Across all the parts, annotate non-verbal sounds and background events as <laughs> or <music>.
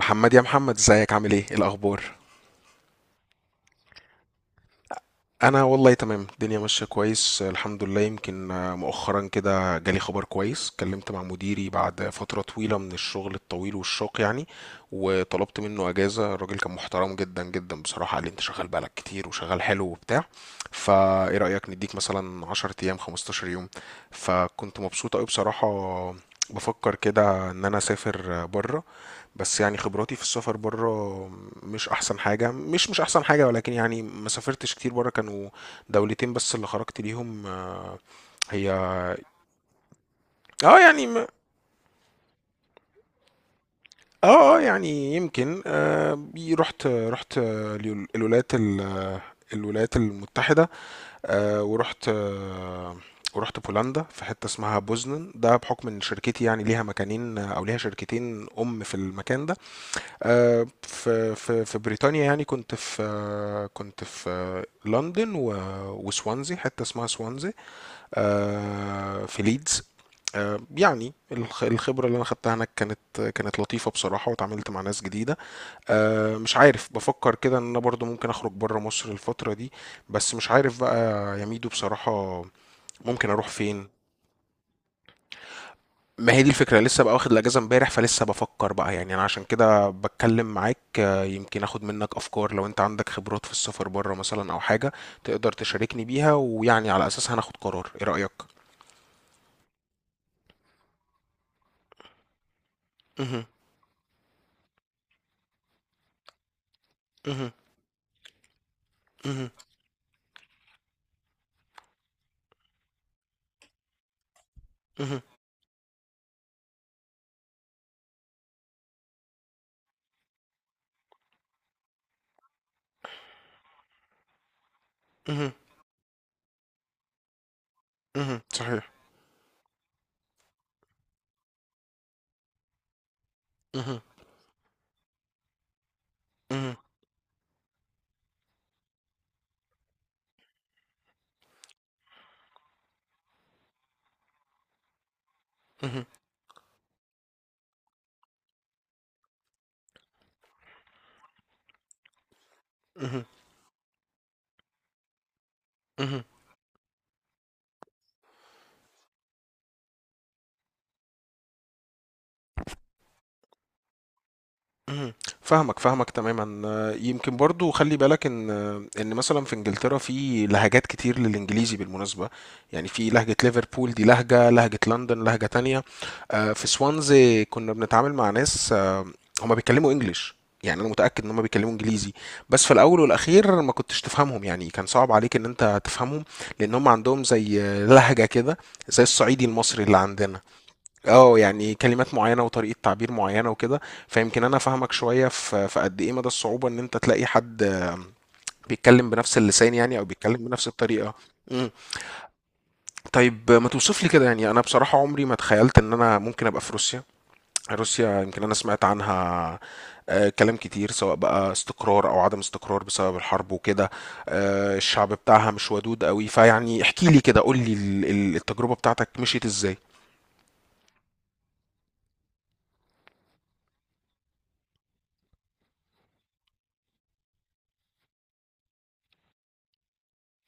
محمد يا محمد ازيك عامل ايه إيه الاخبار؟ انا والله تمام، الدنيا ماشيه كويس الحمد لله. يمكن مؤخرا كده جالي خبر كويس، اتكلمت مع مديري بعد فتره طويله من الشغل الطويل والشاق يعني، وطلبت منه اجازه. الراجل كان محترم جدا جدا بصراحه، قال لي انت شغال بقالك كتير وشغال حلو وبتاع، فايه رايك نديك مثلا 10 ايام 15 يوم. فكنت مبسوط قوي بصراحه، بفكر كده ان انا اسافر بره. بس يعني خبراتي في السفر بره مش احسن حاجه، مش احسن حاجه، ولكن يعني ما سافرتش كتير بره، كانوا دولتين بس اللي خرجت ليهم. هي. اه يعني يعني يمكن رحت الولايات المتحده. ورحت. ورحت بولندا في حته اسمها بوزنن، ده بحكم ان شركتي يعني ليها مكانين او ليها شركتين. في المكان ده في بريطانيا، يعني كنت في لندن وسوانزي، حتة اسمها سوانزي. في ليدز. يعني الخبرة اللي أنا خدتها هناك كانت لطيفة بصراحة، واتعاملت مع ناس جديدة. مش عارف، بفكر كده إن أنا برضو ممكن أخرج برا مصر الفترة دي. بس مش عارف بقى يا ميدو بصراحة، ممكن أروح فين؟ ما هي دي الفكرة، لسه بقى واخد الأجازة امبارح، فلسه بفكر بقى، يعني أنا عشان كده بتكلم معاك. يمكن أخد منك أفكار، لو أنت عندك خبرات في السفر بره مثلا أو حاجة تقدر تشاركني بيها، ويعني على أساسها هناخد قرار. إيه رأيك؟ مهم. مهم. مهم. مهم. مهم. مهم. صحيح. مهم. مهم. مهم. مهم. مهم. اهم، فاهمك تمامًا. يمكن برضه خلّي بالك إن، إن مثلًا في إنجلترا في لهجات كتير للإنجليزي بالمناسبة، يعني في لهجة ليفربول دي لهجة، لهجة لندن لهجة تانية. في سوانزي كُنّا بنتعامل مع ناس هُم بيتكلموا English، يعني أنا متأكد إن هُم بيتكلموا إنجليزي، بس في الأول والأخير ما كنتش تفهمهم، يعني كان صعب عليك إن أنت تفهمهم، لإن هُم عندهم زي لهجة كده، زي الصعيدي المصري اللي عندنا. اه يعني كلمات معينة وطريقة تعبير معينة وكده. فيمكن انا فاهمك شوية في قد ايه مدى الصعوبة ان انت تلاقي حد بيتكلم بنفس اللسان يعني، او بيتكلم بنفس الطريقة. مم. طيب ما توصف لي كده، يعني انا بصراحة عمري ما تخيلت ان انا ممكن ابقى في روسيا. روسيا يمكن انا سمعت عنها كلام كتير، سواء بقى استقرار او عدم استقرار بسبب الحرب وكده، الشعب بتاعها مش ودود قوي، فيعني احكي لي كده، قول لي التجربة بتاعتك مشيت ازاي؟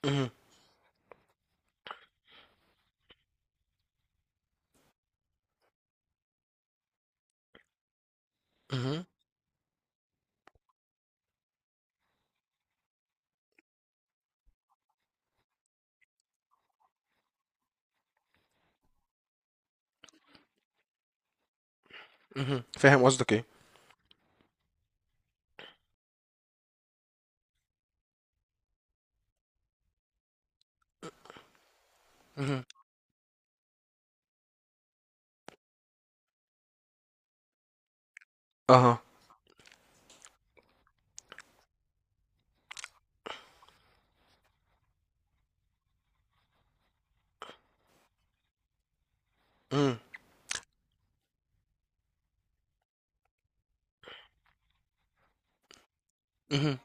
مهم. مهم. مهم. فاهم قصدك. ايه. أها. إمم. اهم.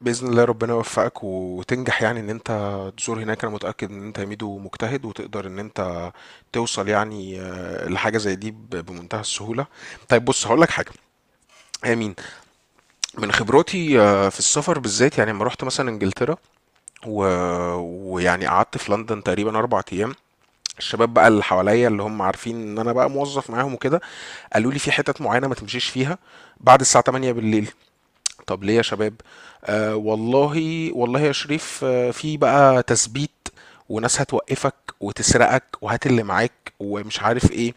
بإذن الله ربنا يوفقك وتنجح، يعني إن أنت تزور هناك، أنا متأكد إن أنت ميدو مجتهد، وتقدر إن أنت توصل يعني لحاجة زي دي بمنتهى السهولة. طيب بُص هاقول لك حاجة، هي مين؟ من خبراتي في السفر بالذات، يعني أمّا رُحت مثلًا إنجلترا و ويعني قعدت في لندن تقريبًا 4 أيام، الشباب بقى اللي حواليّا اللي هم عارفين إن أنا بقى موظف معاهم وكده، قالوا لي في حِتَت معيّنة ما تمشيش فيها بعد الساعة 20:00 بالليل. طب ليه يا شباب؟ والله والله يا شريف، في بقى تثبيت، وناس هتوقفك وتسرقك وهات اللي معاك ومش عارف ايه.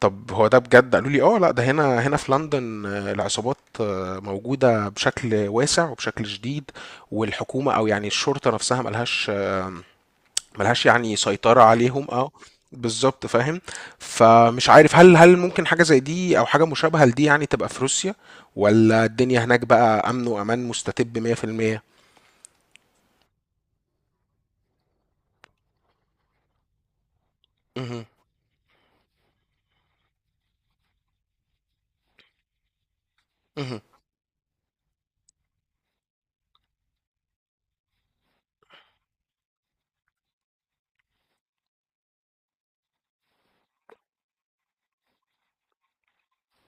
طب هو ده بجد؟ قالوا لي اه لا، ده هنا. في لندن العصابات موجودة بشكل واسع وبشكل شديد، والحكومة او يعني الشرطة نفسها ملهاش، يعني سيطرة عليهم. اه بالظبط فاهم. فمش عارف هل ممكن حاجة زي دي او حاجة مشابهة لدي يعني تبقى في روسيا، ولا الدنيا هناك بقى امن وامان مستتب 100%؟ مهم. مهم.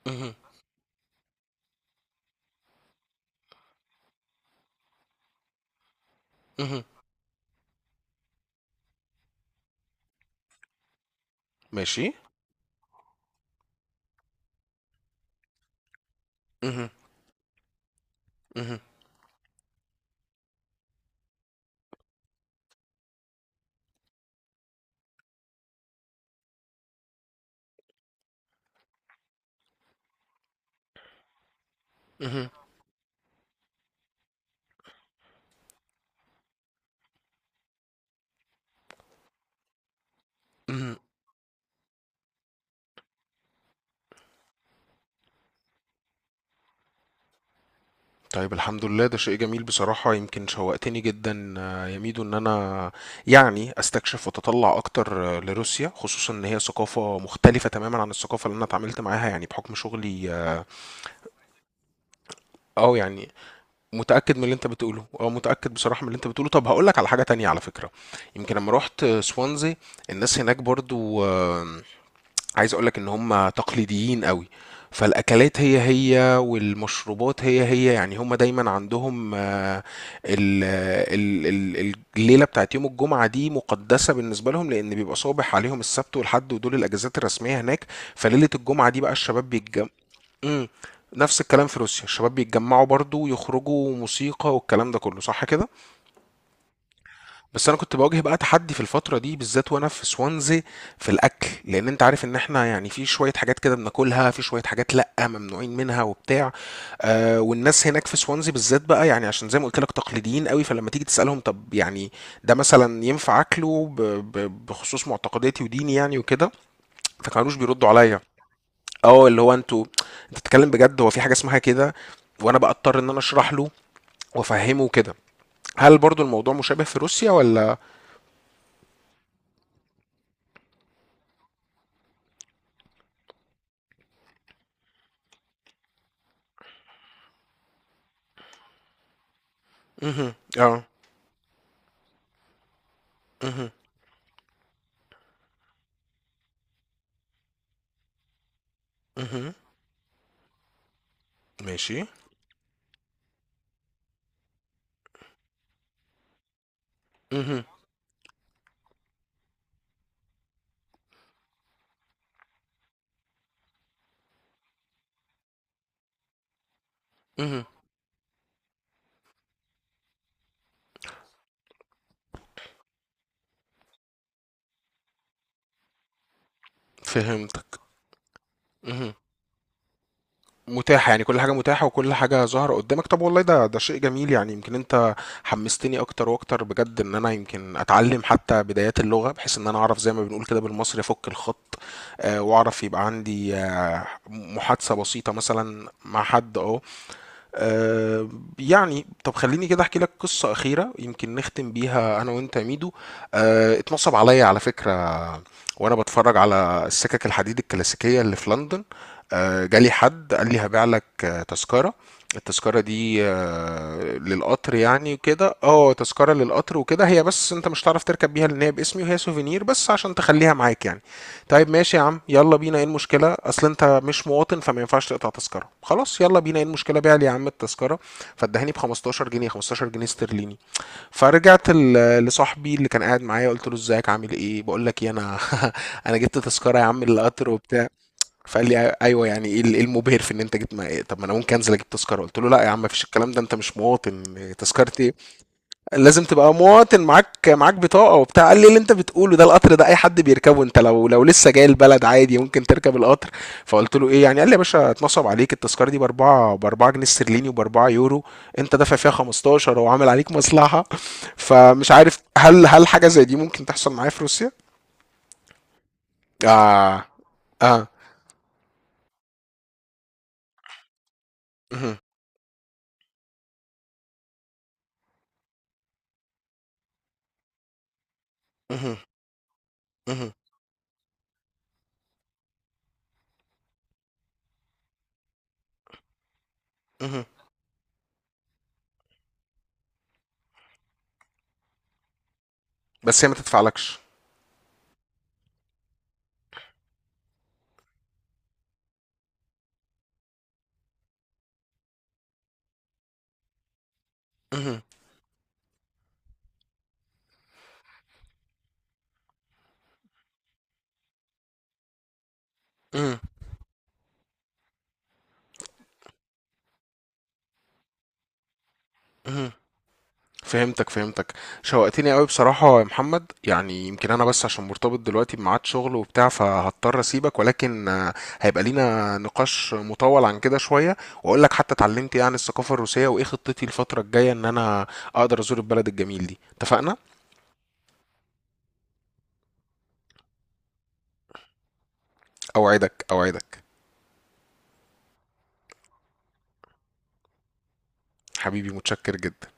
مهم. مهم. ماشي. مهم. مهم. مهم. مهم. طيب الحمد لله، ده شيء جميل بصراحة. يمكن شوقتني جدا يا ميدو ان انا يعني استكشف واتطلع اكتر لروسيا، خصوصا ان هي ثقافة مختلفة تماما عن الثقافة اللي انا اتعاملت معاها يعني بحكم شغلي. يعني متأكد من اللي انت بتقوله، متأكد بصراحة من اللي انت بتقوله. طب هقول لك على حاجة تانية على فكرة. يمكن لما رحت سوانزي، الناس هناك برضو عايز اقول لك ان هم تقليديين قوي. فالأكلات هي هي والمشروبات هي هي، يعني هم دايما عندهم ال- ال- الليلة بتاعت يوم الجمعة دي مقدسة بالنسبة لهم، لأن بيبقى صابح عليهم السبت والحد ودول الأجازات الرسمية هناك. فليلة الجمعة دي بقى الشباب بيتجمعوا. امم. نفس الكلام في روسيا، الشباب بيتجمعوا برضو ويخرجوا موسيقى والكلام ده كله، صح كده؟ بس انا كنت بواجه بقى تحدي في الفتره دي بالذات وانا في سوانزي في الاكل، لان انت عارف ان احنا يعني في شويه حاجات كده بناكلها، في شويه حاجات لا ممنوعين منها وبتاع. والناس هناك في سوانزي بالذات بقى يعني، عشان زي ما قلت لك تقليديين قوي، فلما تيجي تسالهم طب يعني ده مثلا ينفع اكله بخصوص معتقداتي وديني يعني وكده، فكانوش بيردوا عليا. اه اللي هو انتوا، انت بتتكلم بجد؟ هو في حاجه اسمها كده؟ وانا بقى اضطر ان انا اشرح له وافهمه كده. هل برضو الموضوع مشابه في روسيا ولا؟ مهم. اه. مهم. مهم. ماشي. مهم. مهم. فهمتك. متاحة يعني، كل حاجة متاحة وكل حاجة ظاهرة قدامك. طب والله ده شيء جميل يعني. يمكن انت حمستني اكتر واكتر بجد، ان انا يمكن اتعلم حتى بدايات اللغة، بحيث ان انا اعرف زي ما بنقول كده بالمصري افك الخط. واعرف يبقى عندي محادثة بسيطة مثلا مع حد. اه آه، يعني طب خليني كده احكي لك قصة أخيرة يمكن نختم بيها أنا وأنت يا ميدو. اتنصب عليا على فكرة وأنا بتفرج على السكك الحديد الكلاسيكية اللي في لندن. جالي حد قال لي هبيع لك تذكرة. التذكرة دي للقطر يعني وكده. اه تذكرة للقطر وكده، هي بس انت مش هتعرف تركب بيها لان هي باسمي، وهي سوفينير بس عشان تخليها معاك يعني. طيب ماشي يا عم، يلا بينا، ايه المشكلة؟ اصل انت مش مواطن فما ينفعش تقطع تذكرة. خلاص يلا بينا، ايه المشكلة؟ بيع لي يا عم التذكرة. فادهاني ب 15 جنيه، 15 جنيه استرليني. فرجعت لصاحبي اللي كان قاعد معايا قلت له ازيك عامل ايه؟ بقول لك ايه انا، <laughs> انا جبت تذكرة يا عم للقطر وبتاع. فقال لي ايوه، يعني ايه، إيه المبهر في ان انت جبت؟ ما إيه؟ طب ما انا ممكن انزل اجيب تذكرة. قلت له لا يا عم، مفيش الكلام ده، انت مش مواطن، تذكرة ايه؟ لازم تبقى مواطن، معاك بطاقة وبتاع. قال لي اللي انت بتقوله ده، القطر ده اي حد بيركبه، انت لو لسه جاي البلد عادي ممكن تركب القطر. فقلت له ايه يعني؟ قال لي يا باشا اتنصب عليك، التذكرة دي باربعة جنيه استرليني وباربعة يورو، انت دافع فيها 15 وعامل عليك مصلحة. فمش عارف هل حاجة زي دي ممكن تحصل معايا في روسيا؟ اه اه. مهم. مهم. مهم. مهم. بس هي ما تدفعلكش. مهم. مهم. مهم. فهمتك فهمتك. شوقتني قوي بصراحة يا محمد، يعني يمكن أنا بس عشان مرتبط دلوقتي بميعاد شغل وبتاع فهضطر أسيبك، ولكن هيبقى لينا نقاش مطول عن كده شوية، وأقول لك حتى اتعلمت إيه عن الثقافة الروسية، وإيه خطتي الفترة الجاية إن أنا أقدر أزور البلد الجميل دي. اتفقنا؟ أوعدك أوعدك. حبيبي متشكر جدا.